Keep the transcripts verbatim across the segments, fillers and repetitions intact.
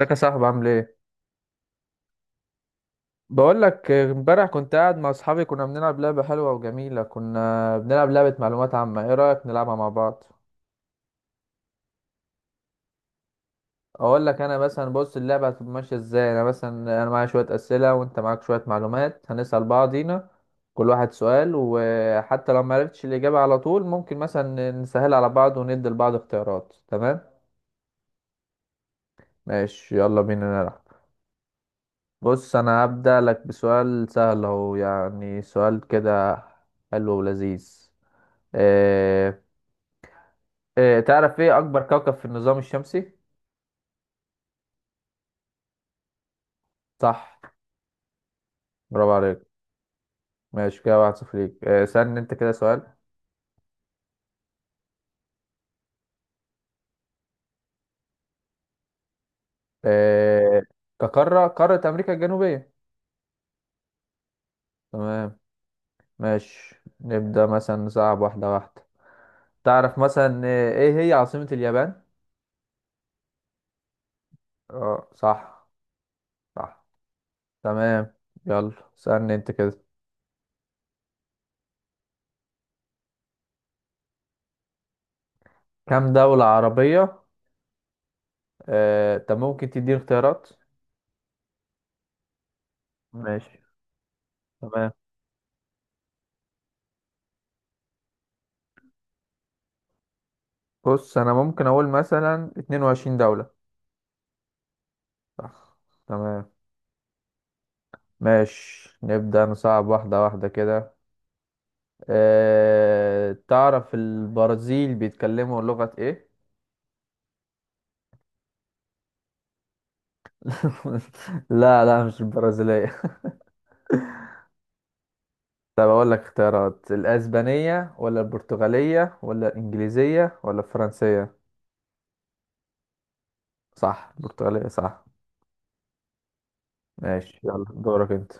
ازيك يا صاحبي عامل ايه؟ بقول لك، امبارح كنت قاعد مع اصحابي، كنا بنلعب لعبة حلوة وجميلة. كنا بنلعب لعبة معلومات عامة. ايه رأيك نلعبها مع بعض؟ اقول لك انا مثلا. بص، اللعبة هتبقى ماشية ازاي؟ انا مثلا، انا معايا شوية أسئلة وانت معاك شوية معلومات، هنسأل بعضينا. كل واحد سؤال، وحتى لو ما عرفتش الإجابة على طول ممكن مثلا نسهل على بعض وندي لبعض اختيارات. تمام؟ ماشي، يلا بينا نلعب. بص، انا هبدأ لك بسؤال سهل اهو، يعني سؤال كده حلو ولذيذ. آه، آه، تعرف ايه اكبر كوكب في النظام الشمسي؟ صح، برافو عليك. ماشي كده، واحد صفر ليك. آه، سألني انت كده سؤال. آه، كقارة قارة امريكا الجنوبية. تمام. ماشي، نبدأ مثلا نصعب واحدة واحدة. تعرف مثلا آه، ايه هي عاصمة اليابان؟ اه صح. صح. تمام. يلا، سألني انت كده. كم دولة عربية؟ آه، طب ممكن تديني اختيارات؟ ماشي. تمام. بص، انا ممكن اقول مثلا 22 دولة. صح. تمام. ماشي، نبدأ نصعب واحدة واحدة كده. أه... تعرف البرازيل بيتكلموا لغة ايه؟ لا، لا، مش البرازيلية. طب أقول لك اختيارات: الأسبانية ولا البرتغالية ولا الإنجليزية ولا الفرنسية؟ صح، البرتغالية صح. ماشي، يلا دورك أنت.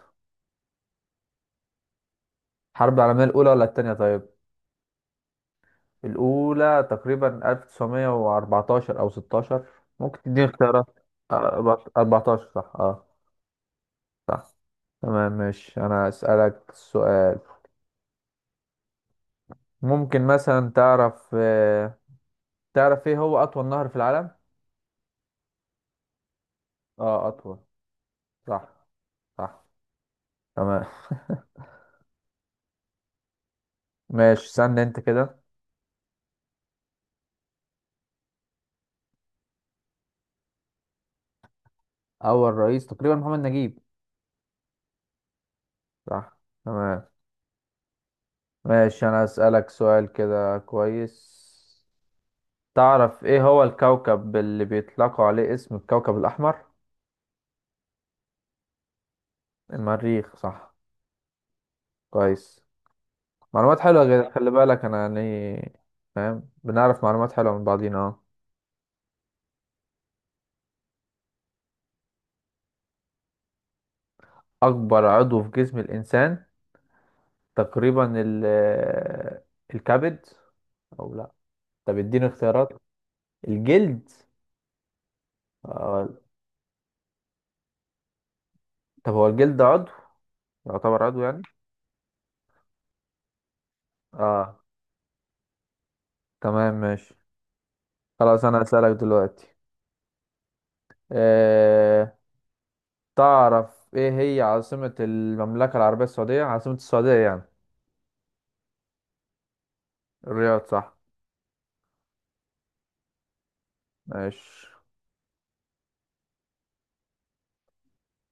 الحرب العالمية الأولى ولا التانية طيب؟ الأولى تقريبا ألف وتسعمية واربعتاشر أو ستاشر. ممكن تديني اختيارات؟ اربعتاشر صح، اه. تمام. ماشي، انا اسالك سؤال. ممكن مثلا تعرف آه، تعرف ايه هو اطول نهر في العالم؟ اه، اطول. صح. صح. تمام. ماشي، استنى انت كده. اول رئيس تقريبا محمد نجيب. صح. تمام. ماشي، انا اسالك سؤال كده كويس. تعرف ايه هو الكوكب اللي بيطلقوا عليه اسم الكوكب الاحمر؟ المريخ صح. كويس. معلومات حلوة جدا، خلي بالك انا يعني فاهم، بنعرف معلومات حلوة من بعضينا، اه. أكبر عضو في جسم الإنسان؟ تقريبا ال- آه، الكبد. أو لأ؟ طب اديني اختيارات. الجلد. آه. طب هو الجلد عضو؟ يعتبر عضو يعني. اه. تمام، ماشي. خلاص، أنا هسألك دلوقتي. آه. تعرف إيه هي عاصمة المملكة العربية السعودية، عاصمة السعودية يعني؟ الرياض صح. ماشي.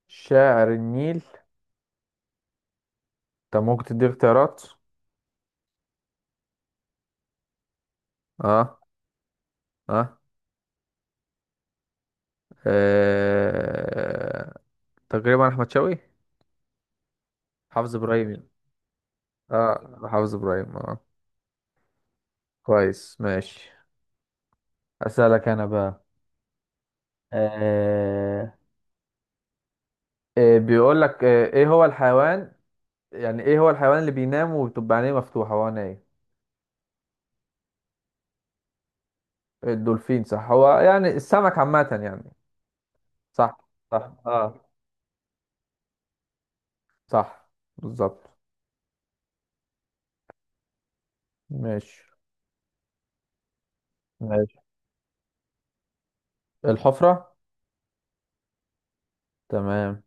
شاعر النيل؟ طب ممكن تدي اختيارات. اه. اه، آه. تقريبا أحمد شوقي. حافظ ابراهيم. اه، حافظ ابراهيم، اه. كويس، ماشي. اسالك انا بقى. آه... آه بيقول لك، آه ايه هو الحيوان، يعني ايه هو الحيوان اللي بينام وبتبقى عينيه مفتوحه هو نايم؟ الدولفين صح، هو يعني السمك عامه يعني. صح. صح، اه. صح، بالظبط. ماشي. ماشي. الحفره. تمام.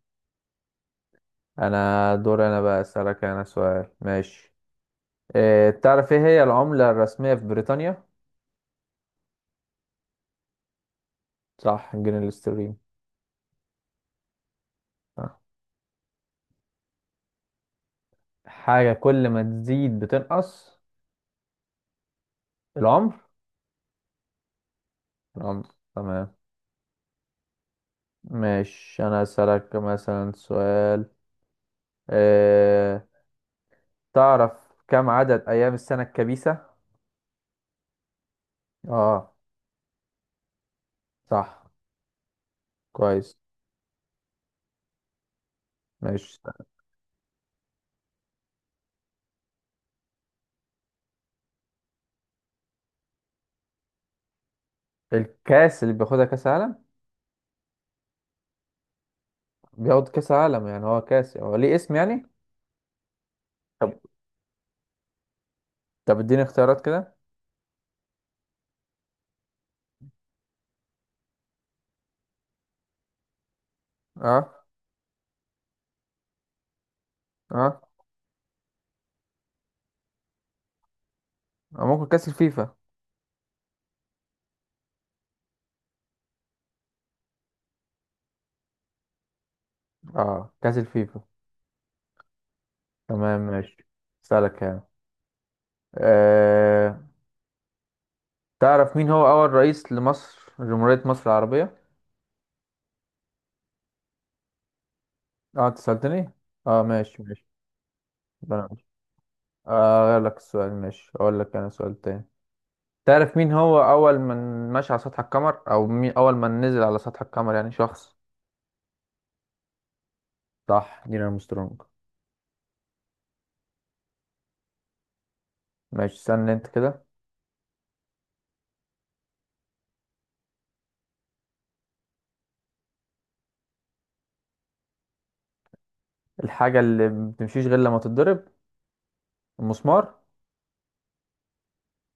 انا دور انا بقى اسالك انا سؤال. ماشي. آه تعرف ايه هي العمله الرسميه في بريطانيا؟ صح، جنيه الاسترليني. حاجة كل ما تزيد بتنقص؟ العمر. العمر. تمام. ماشي، أنا أسألك مثلا سؤال. أه... تعرف، كم عدد أيام السنة الكبيسة؟ اه صح. كويس. ماشي. الكاس اللي بياخدها كاس عالم؟ بياخد كاس عالم يعني، هو كاس هو ليه اسم يعني؟ طب طب اديني اختيارات كده. اه. اه. أو ممكن كاس الفيفا. اه، كاس الفيفا. تمام، ماشي. أسألك يعني. آه. تعرف مين هو أول رئيس لمصر جمهورية مصر العربية؟ اه، انت سألتني؟ اه ماشي، ماشي. بلاش. آه غير لك السؤال، ماشي، أقول لك أنا سؤال تاني. تعرف مين هو أول من مشى على سطح القمر، أو مين أول من نزل على سطح القمر يعني شخص؟ صح، نيل أرمسترونج. ماشي، استنى أنت كده. الحاجة اللي ما بتمشيش غير لما تتضرب؟ المسمار.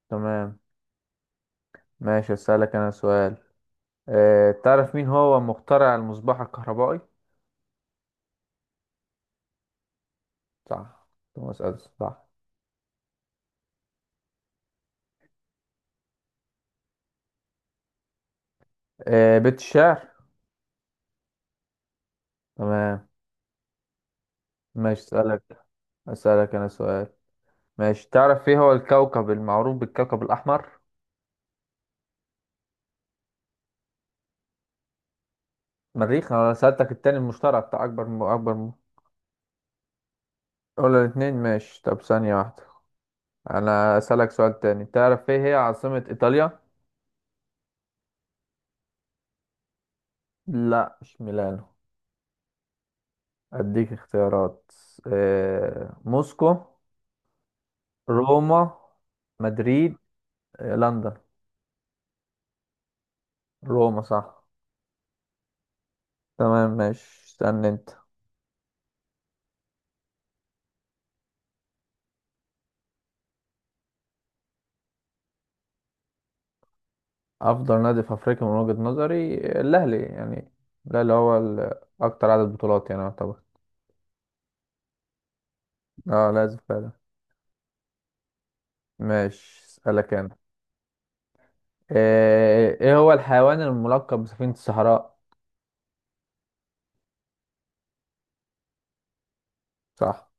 تمام، ماشي، أسألك أنا سؤال. آه تعرف مين هو مخترع المصباح الكهربائي؟ صح، توماس أديسون صح. آه بيت الشعر. تمام. ماشي، اسألك اسألك انا سؤال، ماشي. تعرف ايه هو الكوكب المعروف بالكوكب الاحمر؟ مريخ، انا سألتك التاني المشترك بتاع اكبر م... اكبر م... ولا الاتنين. ماشي، طب ثانية واحدة. انا اسألك سؤال تاني. تعرف ايه هي عاصمة ايطاليا؟ لا مش ميلانو. اديك اختيارات. آه... موسكو. روما. مدريد. آه... لندن. روما صح. تمام. ماشي، استنى انت. افضل نادي في افريقيا من وجهة نظري الاهلي يعني. الاهلي هو ال- اكتر عدد بطولات يعني طبعا. اه، لازم فعلا. ماشي، اسالك انا. ايه إيه هو الحيوان الملقب بسفينة الصحراء؟ صح.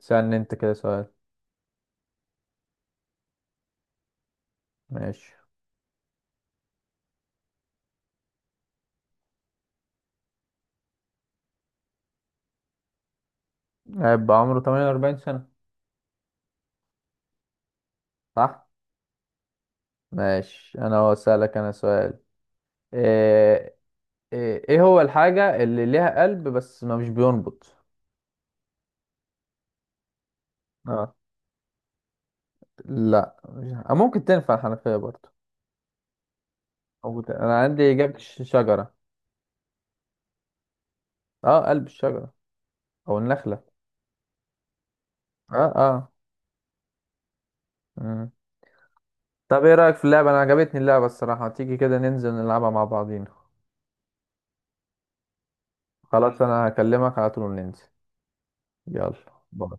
سألني انت كده سؤال. ماشي. هيبقى عمره تمنية واربعين سنة. صح. ماشي، انا هو اسالك انا سؤال. ايه ايه إيه هو الحاجة اللي ليها قلب بس ما مش بينبض؟ اه، لا، مش- آه، ممكن تنفع الحنفية برضه. أو بت- انا عندي اجابة الشجرة. اه، قلب الشجرة. او النخلة. اه. اه. مم. طب ايه رأيك في اللعبة؟ انا عجبتني اللعبة الصراحة. تيجي كده ننزل نلعبها مع بعضينا؟ خلاص، انا هكلمك على طول وننزل. يلا، باي.